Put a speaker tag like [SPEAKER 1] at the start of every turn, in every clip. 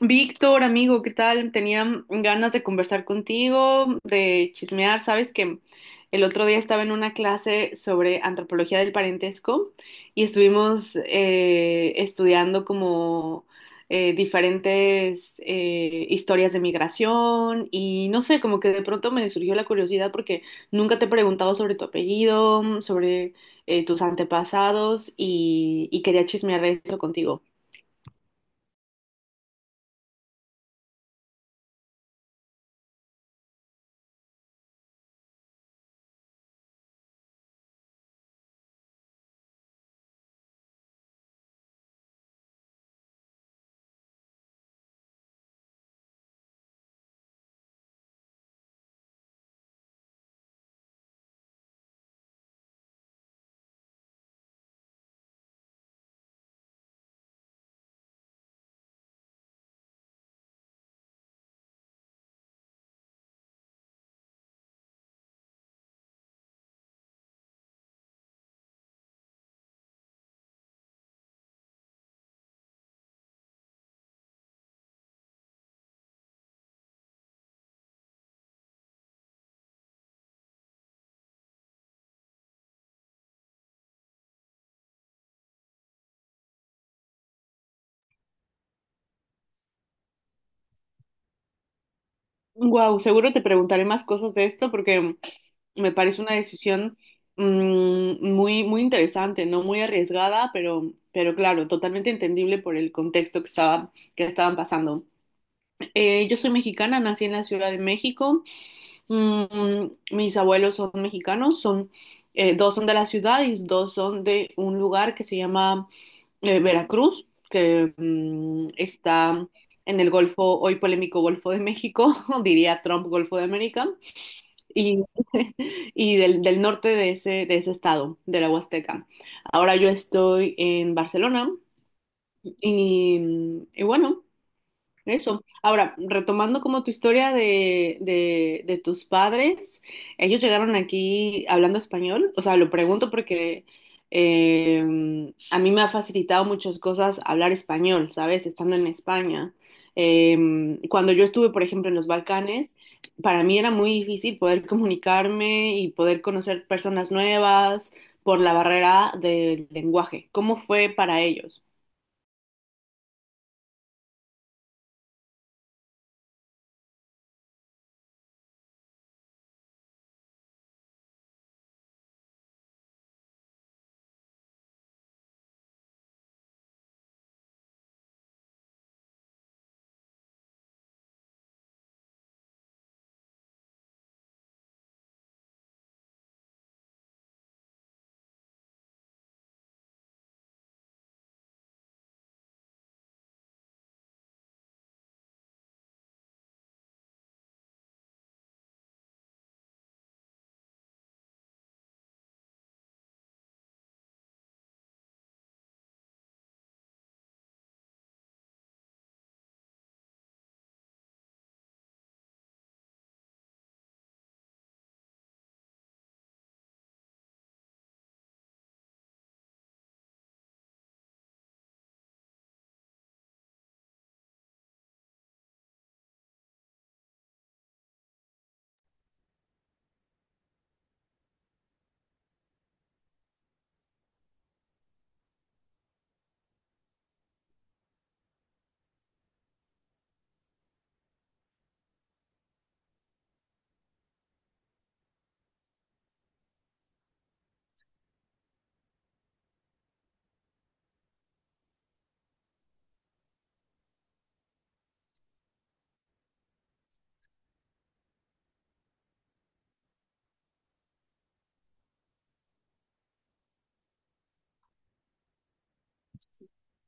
[SPEAKER 1] Víctor, amigo, ¿qué tal? Tenía ganas de conversar contigo, de chismear. Sabes que el otro día estaba en una clase sobre antropología del parentesco y estuvimos estudiando como diferentes historias de migración y no sé, como que de pronto me surgió la curiosidad porque nunca te he preguntado sobre tu apellido, sobre tus antepasados y quería chismear de eso contigo. Wow, seguro te preguntaré más cosas de esto porque me parece una decisión muy, muy interesante, no muy arriesgada, pero claro, totalmente entendible por el contexto que estaba, que estaban pasando. Yo soy mexicana, nací en la Ciudad de México. Mm, Mis abuelos son mexicanos, son dos son de la ciudad y dos son de un lugar que se llama Veracruz, que está en el Golfo, hoy polémico Golfo de México, diría Trump Golfo de América y, y del norte de ese estado, de la Huasteca. Ahora yo estoy en Barcelona y bueno, eso. Ahora, retomando como tu historia de tus padres, ellos llegaron aquí hablando español. O sea, lo pregunto porque eh, a mí me ha facilitado muchas cosas hablar español, ¿sabes? Estando en España. Cuando yo estuve, por ejemplo, en los Balcanes, para mí era muy difícil poder comunicarme y poder conocer personas nuevas por la barrera del lenguaje. ¿Cómo fue para ellos?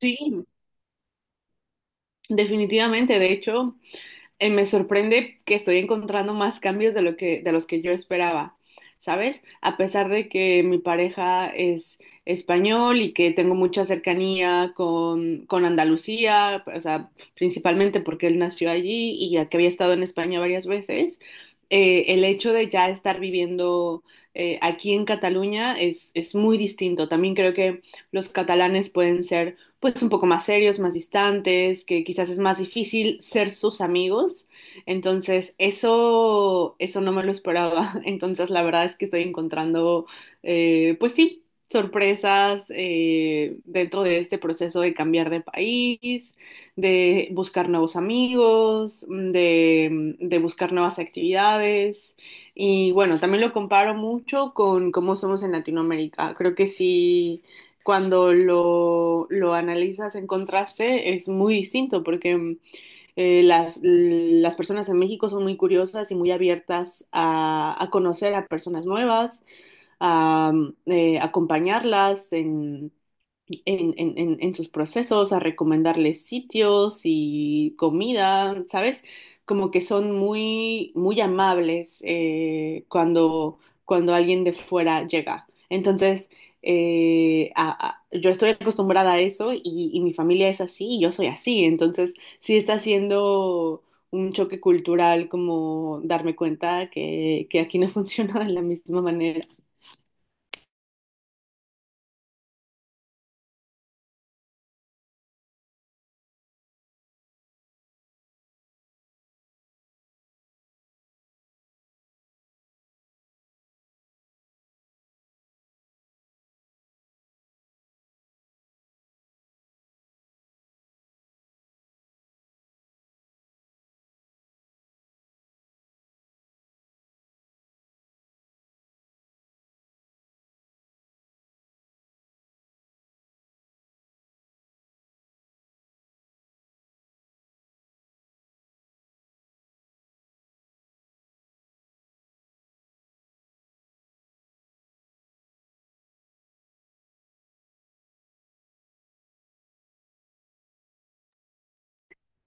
[SPEAKER 1] Sí, definitivamente. De hecho. Me sorprende que estoy encontrando más cambios de lo que, de los que yo esperaba, ¿sabes? A pesar de que mi pareja es español y que tengo mucha cercanía con Andalucía. O sea, principalmente porque él nació allí y ya que había estado en España varias veces, el hecho de ya estar viviendo aquí en Cataluña es muy distinto. También creo que los catalanes pueden ser pues un poco más serios, más distantes, que quizás es más difícil ser sus amigos. Entonces, eso no me lo esperaba. Entonces, la verdad es que estoy encontrando, pues sí, sorpresas dentro de este proceso de cambiar de país, de buscar nuevos amigos, de buscar nuevas actividades. Y bueno, también lo comparo mucho con cómo somos en Latinoamérica. Creo que sí, cuando lo analizas en contraste es muy distinto porque las personas en México son muy curiosas y muy abiertas a conocer a personas nuevas, a acompañarlas en, en sus procesos, a recomendarles sitios y comida, ¿sabes? Como que son muy, muy amables cuando, cuando alguien de fuera llega. Entonces, yo estoy acostumbrada a eso y mi familia es así y yo soy así. Entonces, sí está siendo un choque cultural como darme cuenta que aquí no funciona de la misma manera.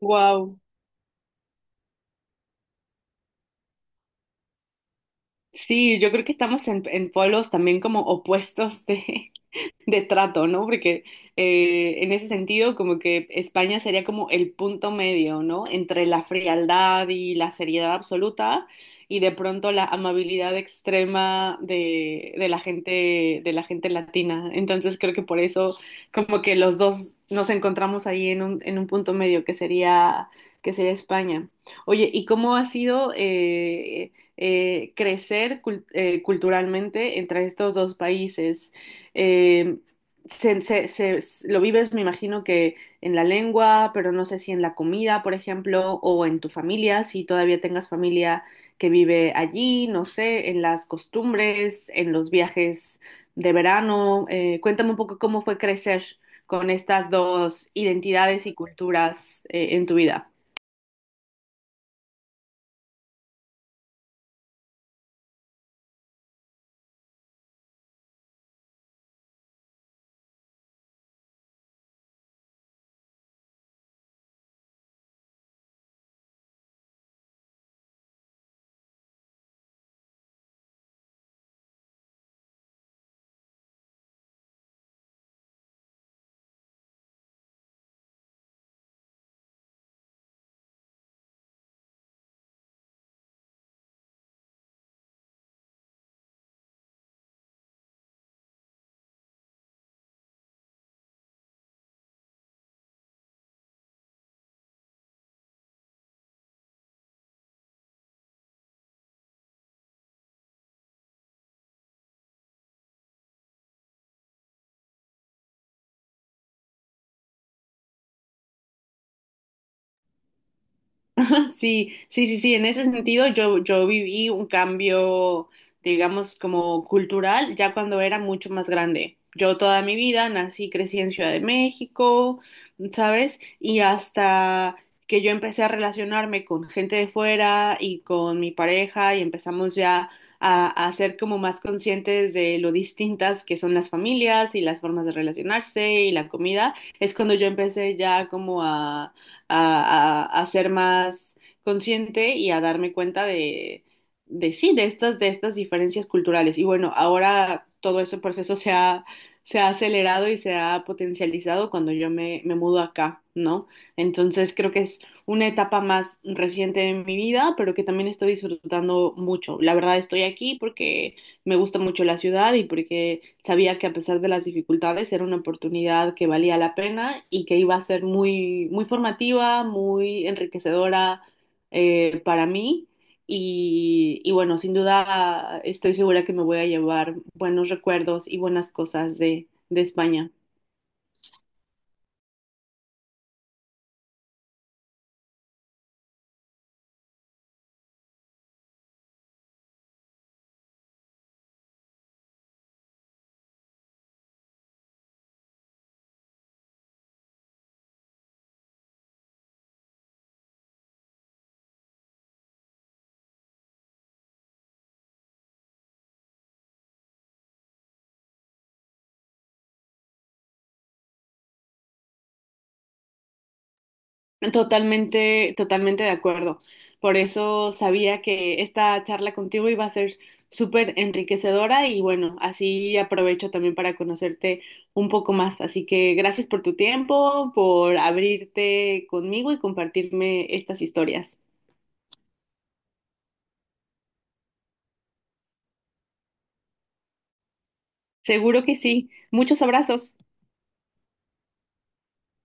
[SPEAKER 1] Wow. Sí, yo creo que estamos en polos también como opuestos de trato, ¿no? Porque en ese sentido, como que España sería como el punto medio, ¿no? Entre la frialdad y la seriedad absoluta y de pronto la amabilidad extrema de la gente latina. Entonces creo que por eso como que los dos nos encontramos ahí en un punto medio que sería España. Oye, ¿y cómo ha sido crecer culturalmente entre estos dos países? eh, lo vives, me imagino que en la lengua, pero no sé si en la comida, por ejemplo, o en tu familia, si todavía tengas familia que vive allí, no sé, en las costumbres, en los viajes de verano. Cuéntame un poco cómo fue crecer con estas dos identidades y culturas, en tu vida. Sí, sí, sí, sí, en ese sentido yo viví un cambio, digamos, como cultural ya cuando era mucho más grande. Yo toda mi vida nací y crecí en Ciudad de México, ¿sabes? Y hasta que yo empecé a relacionarme con gente de fuera y con mi pareja y empezamos ya a ser como más conscientes de lo distintas que son las familias y las formas de relacionarse y la comida, es cuando yo empecé ya como a, a ser más consciente y a darme cuenta de sí, de estas diferencias culturales. Y bueno, ahora todo ese proceso se ha acelerado y se ha potencializado cuando yo me, me mudo acá, ¿no? Entonces creo que es una etapa más reciente de mi vida, pero que también estoy disfrutando mucho. La verdad estoy aquí porque me gusta mucho la ciudad y porque sabía que a pesar de las dificultades era una oportunidad que valía la pena y que iba a ser muy, muy formativa, muy enriquecedora para mí. Y bueno, sin duda estoy segura que me voy a llevar buenos recuerdos y buenas cosas de España. Totalmente, totalmente de acuerdo. Por eso sabía que esta charla contigo iba a ser súper enriquecedora y bueno, así aprovecho también para conocerte un poco más. Así que gracias por tu tiempo, por abrirte conmigo y compartirme estas historias. Seguro que sí. Muchos abrazos.